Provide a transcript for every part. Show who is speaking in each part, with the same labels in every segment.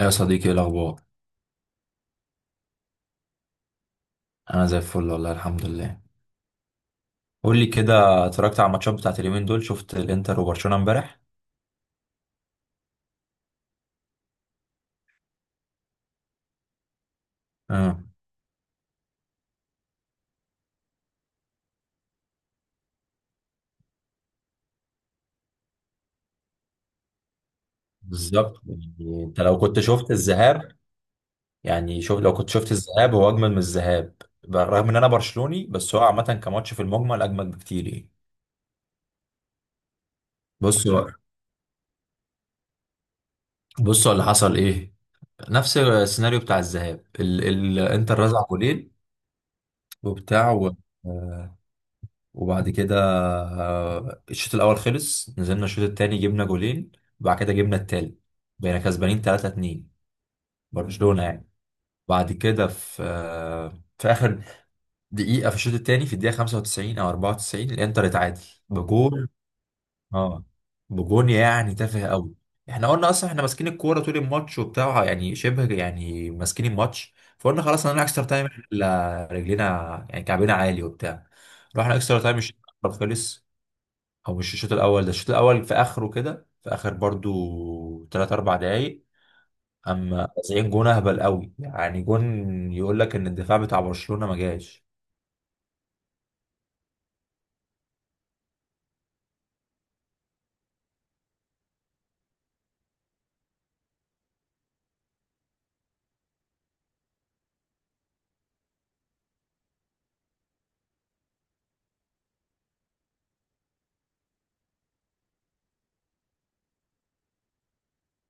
Speaker 1: يا صديقي، ايه الاخبار؟ انا زي الفل والله، الحمد لله. قول لي كده، اتفرجت على الماتشات بتاعت اليومين دول؟ شفت الانتر وبرشلونه امبارح؟ امم بالظبط. يعني انت لو كنت شفت الذهاب، يعني شوف، لو كنت شفت الذهاب هو اجمل من الذهاب. بالرغم ان انا برشلوني، بس هو عامه كماتش في المجمل اجمل بكتير يعني. بص بقى، بص، هو اللي حصل ايه؟ نفس السيناريو بتاع الذهاب. الانتر رزع جولين وبتاع و... وبعد كده الشوط الاول خلص، نزلنا الشوط التاني جبنا جولين، وبعد كده جبنا التالت. بقينا كسبانين 3-2، برشلونة يعني. بعد كده في في اخر دقيقة في الشوط التاني، في الدقيقة 95 او 94 الانتر اتعادل بجول. اه بجول يعني تافه قوي. احنا قلنا اصلا احنا ماسكين الكورة طول الماتش وبتاع، يعني شبه، يعني ماسكين الماتش، فقلنا خلاص هنعمل اكسترا تايم، إحنا رجلينا يعني كعبنا عالي وبتاع. رحنا اكسترا تايم، الشوط الأول خلص. هو مش الشوط الاول ده، الشوط الاول في اخره كده، في اخر برضو 3 4 دقايق، اما 90 جون اهبل قوي يعني، جون يقول لك ان الدفاع بتاع برشلونة ما جاش.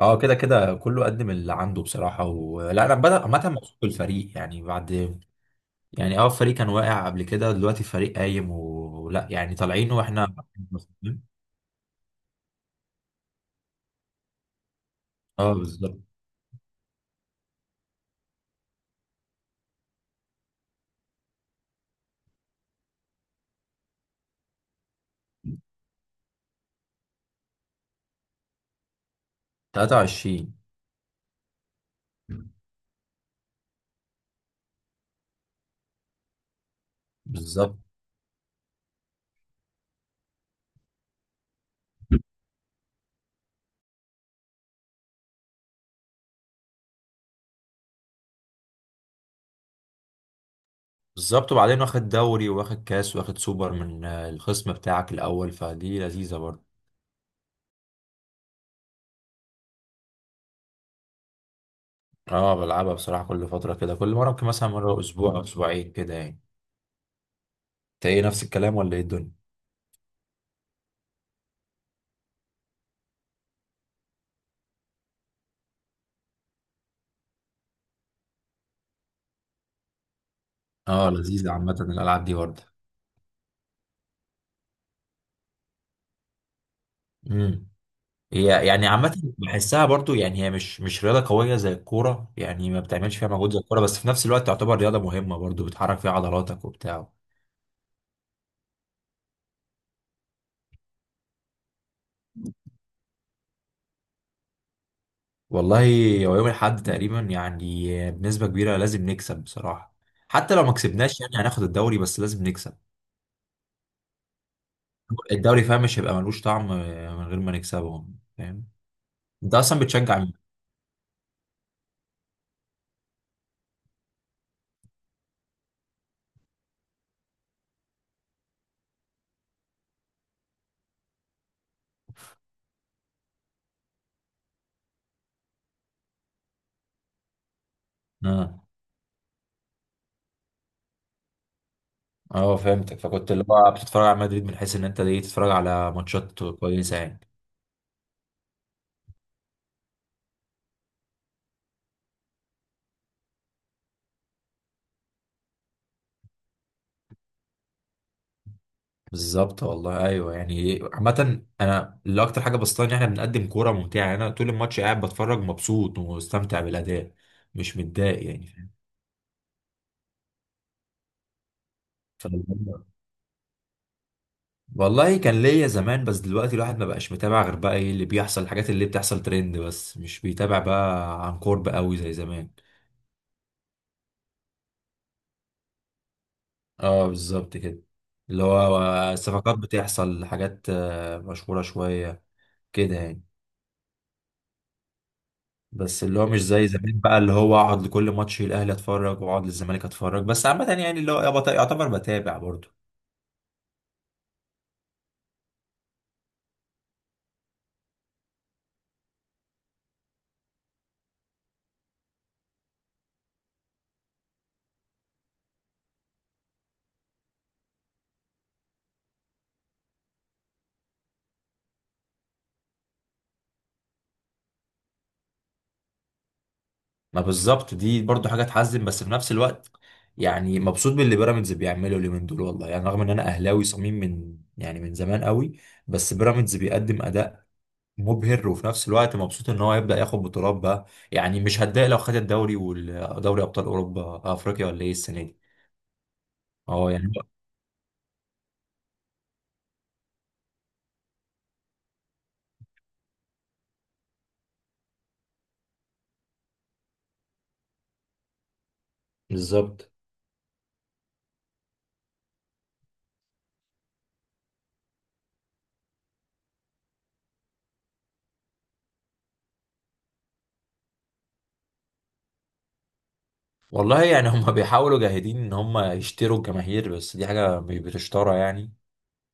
Speaker 1: اه، كده كده كله قدم اللي عنده بصراحة، ولا انا بدأ عامة مبسوط بالفريق يعني بعد. يعني اه، الفريق كان واقع قبل كده، دلوقتي الفريق قايم، ولا يعني طالعين واحنا. اه بالظبط. 23. بالظبط بالظبط. وبعدين واخد دوري واخد كاس واخد سوبر من الخصم بتاعك الاول، فدي لذيذة برضه. اه، بلعبها بصراحة كل فترة كده، كل مرة ممكن مثلا مرة اسبوع او اسبوعين كده يعني. انت ايه نفس الكلام ولا ايه الدنيا؟ اه لذيذة عامة الالعاب دي برضه. امم. هي يعني عامة بحسها برضه، يعني هي مش رياضة قوية زي الكورة، يعني ما بتعملش فيها مجهود زي الكورة، بس في نفس الوقت تعتبر رياضة مهمة برضه، بتحرك فيها عضلاتك وبتاع. والله، هو يوم الأحد تقريبا، يعني بنسبة كبيرة لازم نكسب بصراحة، حتى لو ما كسبناش يعني هناخد الدوري، بس لازم نكسب الدوري. فاهم؟ مش هيبقى ملوش طعم من غير ما نكسبه. فاهم؟ انت اصلا بتشجع؟ اه اه، فهمتك، فكنت اللي هو بتتفرج على مدريد من حيث ان انت ليه تتفرج على ماتشات كويسه يعني. بالظبط والله، ايوه، يعني عامه انا اللي اكتر حاجه بسطاني ان احنا بنقدم كوره ممتعه، يعني انا طول الماتش قاعد بتفرج مبسوط ومستمتع بالاداء، مش متضايق يعني. فاهم؟ ف- والله كان ليا زمان، بس دلوقتي الواحد ما بقاش متابع غير بقى ايه اللي بيحصل، الحاجات اللي بتحصل ترند، بس مش بيتابع بقى عن قرب قوي زي زمان. اه بالظبط كده، اللي هو صفقات بتحصل، حاجات مشهورة شوية كده يعني، بس اللي هو مش زي زمان بقى، اللي هو اقعد لكل ماتش الاهلي اتفرج واقعد للزمالك اتفرج، بس عامة يعني اللي هو يعتبر بتابع برضو. ما بالظبط، دي برضو حاجة تحزن بس في نفس الوقت يعني مبسوط باللي بيراميدز بيعمله اليومين دول والله، يعني رغم ان انا اهلاوي صميم من يعني من زمان قوي، بس بيراميدز بيقدم اداء مبهر، وفي نفس الوقت مبسوط ان هو هيبدأ ياخد بطولات بقى، يعني مش هتضايق لو خد الدوري ودوري ابطال اوروبا، افريقيا ولا ايه السنه دي. اه يعني بالظبط. والله يعني هم بيحاولوا جاهدين ان هم يشتروا الجماهير، بس دي حاجة مش بتشترى يعني.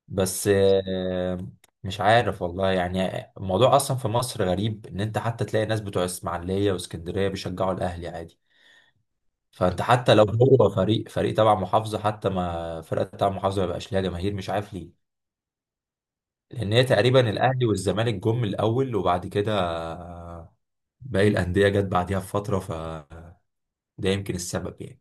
Speaker 1: بس مش عارف والله. يعني الموضوع اصلا في مصر غريب، ان انت حتى تلاقي ناس بتوع اسماعيلية واسكندرية بيشجعوا الاهلي عادي. فانت حتى لو هو فريق تبع محافظة، حتى ما فرقة تبع محافظة ما يبقاش ليها جماهير، مش عارف ليه. لان هي تقريبا الاهلي والزمالك جم الاول، وبعد كده باقي الانديه جت بعديها بفتره، فده يمكن السبب يعني.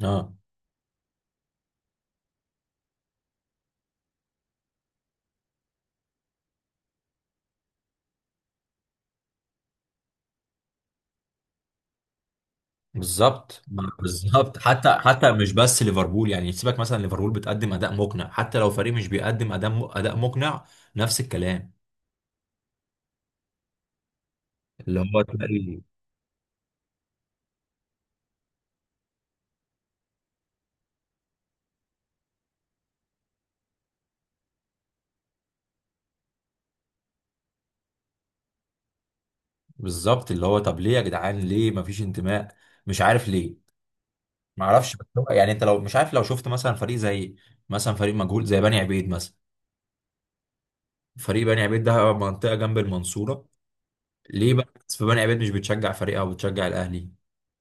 Speaker 1: اه بالظبط بالظبط، حتى مش بس ليفربول يعني، سيبك مثلا ليفربول بتقدم اداء مقنع، حتى لو فريق مش بيقدم اداء مقنع، نفس الكلام. اللي هو تلاقي بالظبط، اللي هو طب ليه يا جدعان؟ ليه ما فيش انتماء؟ مش عارف ليه. ما اعرفش، يعني انت لو مش عارف، لو شفت مثلا فريق زي، مثلا فريق مجهول زي بني عبيد مثلا. فريق بني عبيد ده منطقة جنب المنصورة. ليه بقى الناس في بني عبيد مش بتشجع فريقها وبتشجع الأهلي؟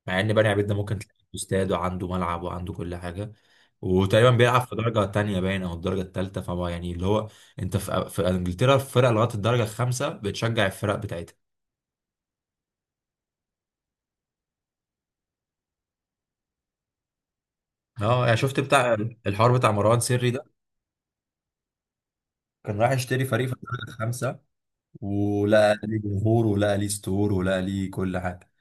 Speaker 1: مع إن بني عبيد ده ممكن تلاقي عنده استاد وعنده ملعب وعنده كل حاجة، وتقريبا بيلعب في درجة تانية باين أو الدرجة التالتة، فهو يعني اللي هو أنت في إنجلترا الفرق لغاية الدرجة الخامسة بتشجع الفرق بتاعتها. اه يعني شفت بتاع الحوار بتاع مروان سري ده؟ كان رايح يشتري فريق في الدرجة الخامسة، ولقى ليه جمهور ولقى ليه ستور ولقى ليه كل حاجة.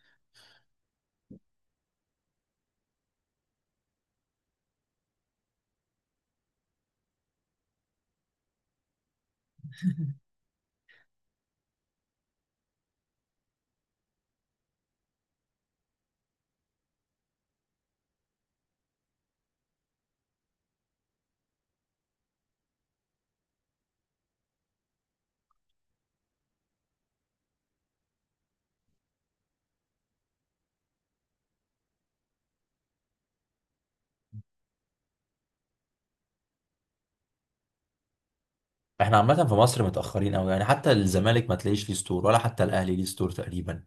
Speaker 1: احنا عامة في مصر متأخرين أوي، يعني حتى الزمالك ما تلاقيش ليه ستور، ولا حتى الأهلي ليه ستور تقريبا.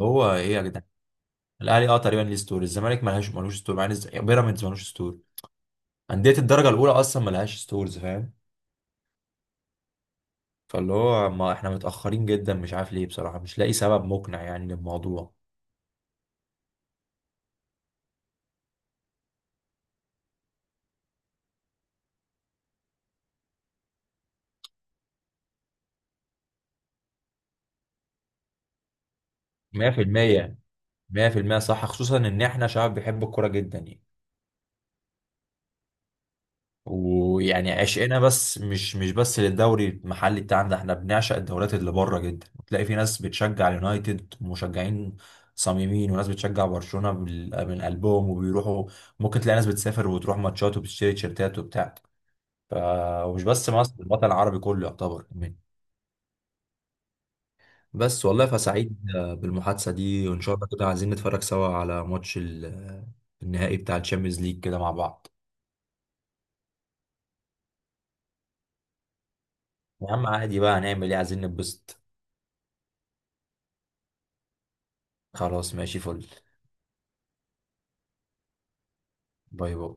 Speaker 1: هو إيه يا جدعان؟ الأهلي أه تقريبا ليه ستور، الزمالك ملهاش ملوش ستور، مع إن بيراميدز ملوش ستور. أندية الدرجة الأولى أصلا ملهاش ستورز، فاهم؟ فاللي هو ما احنا متأخرين جدا، مش عارف ليه بصراحة، مش لاقي سبب مقنع يعني للموضوع. 100% 100% صح، خصوصا إن احنا شعب بيحب الكورة جدا يعني، ويعني عشقنا بس مش بس للدوري المحلي بتاعنا، ده احنا بنعشق الدوريات اللي بره جدا، وتلاقي في ناس بتشجع اليونايتد مشجعين صميمين، وناس بتشجع برشلونة من قلبهم وبيروحوا. ممكن تلاقي ناس بتسافر وتروح ماتشات وبتشتري تيشيرتات وبتاع. ف... ومش بس مصر، الوطن العربي كله يعتبر كمان. بس والله فسعيد بالمحادثة دي، وإن شاء الله كده عايزين نتفرج سوا على ماتش النهائي بتاع الشامبيونز ليج كده مع بعض. يا عم عادي بقى، هنعمل ايه، عايزين نتبسط. خلاص ماشي، فل. باي باي.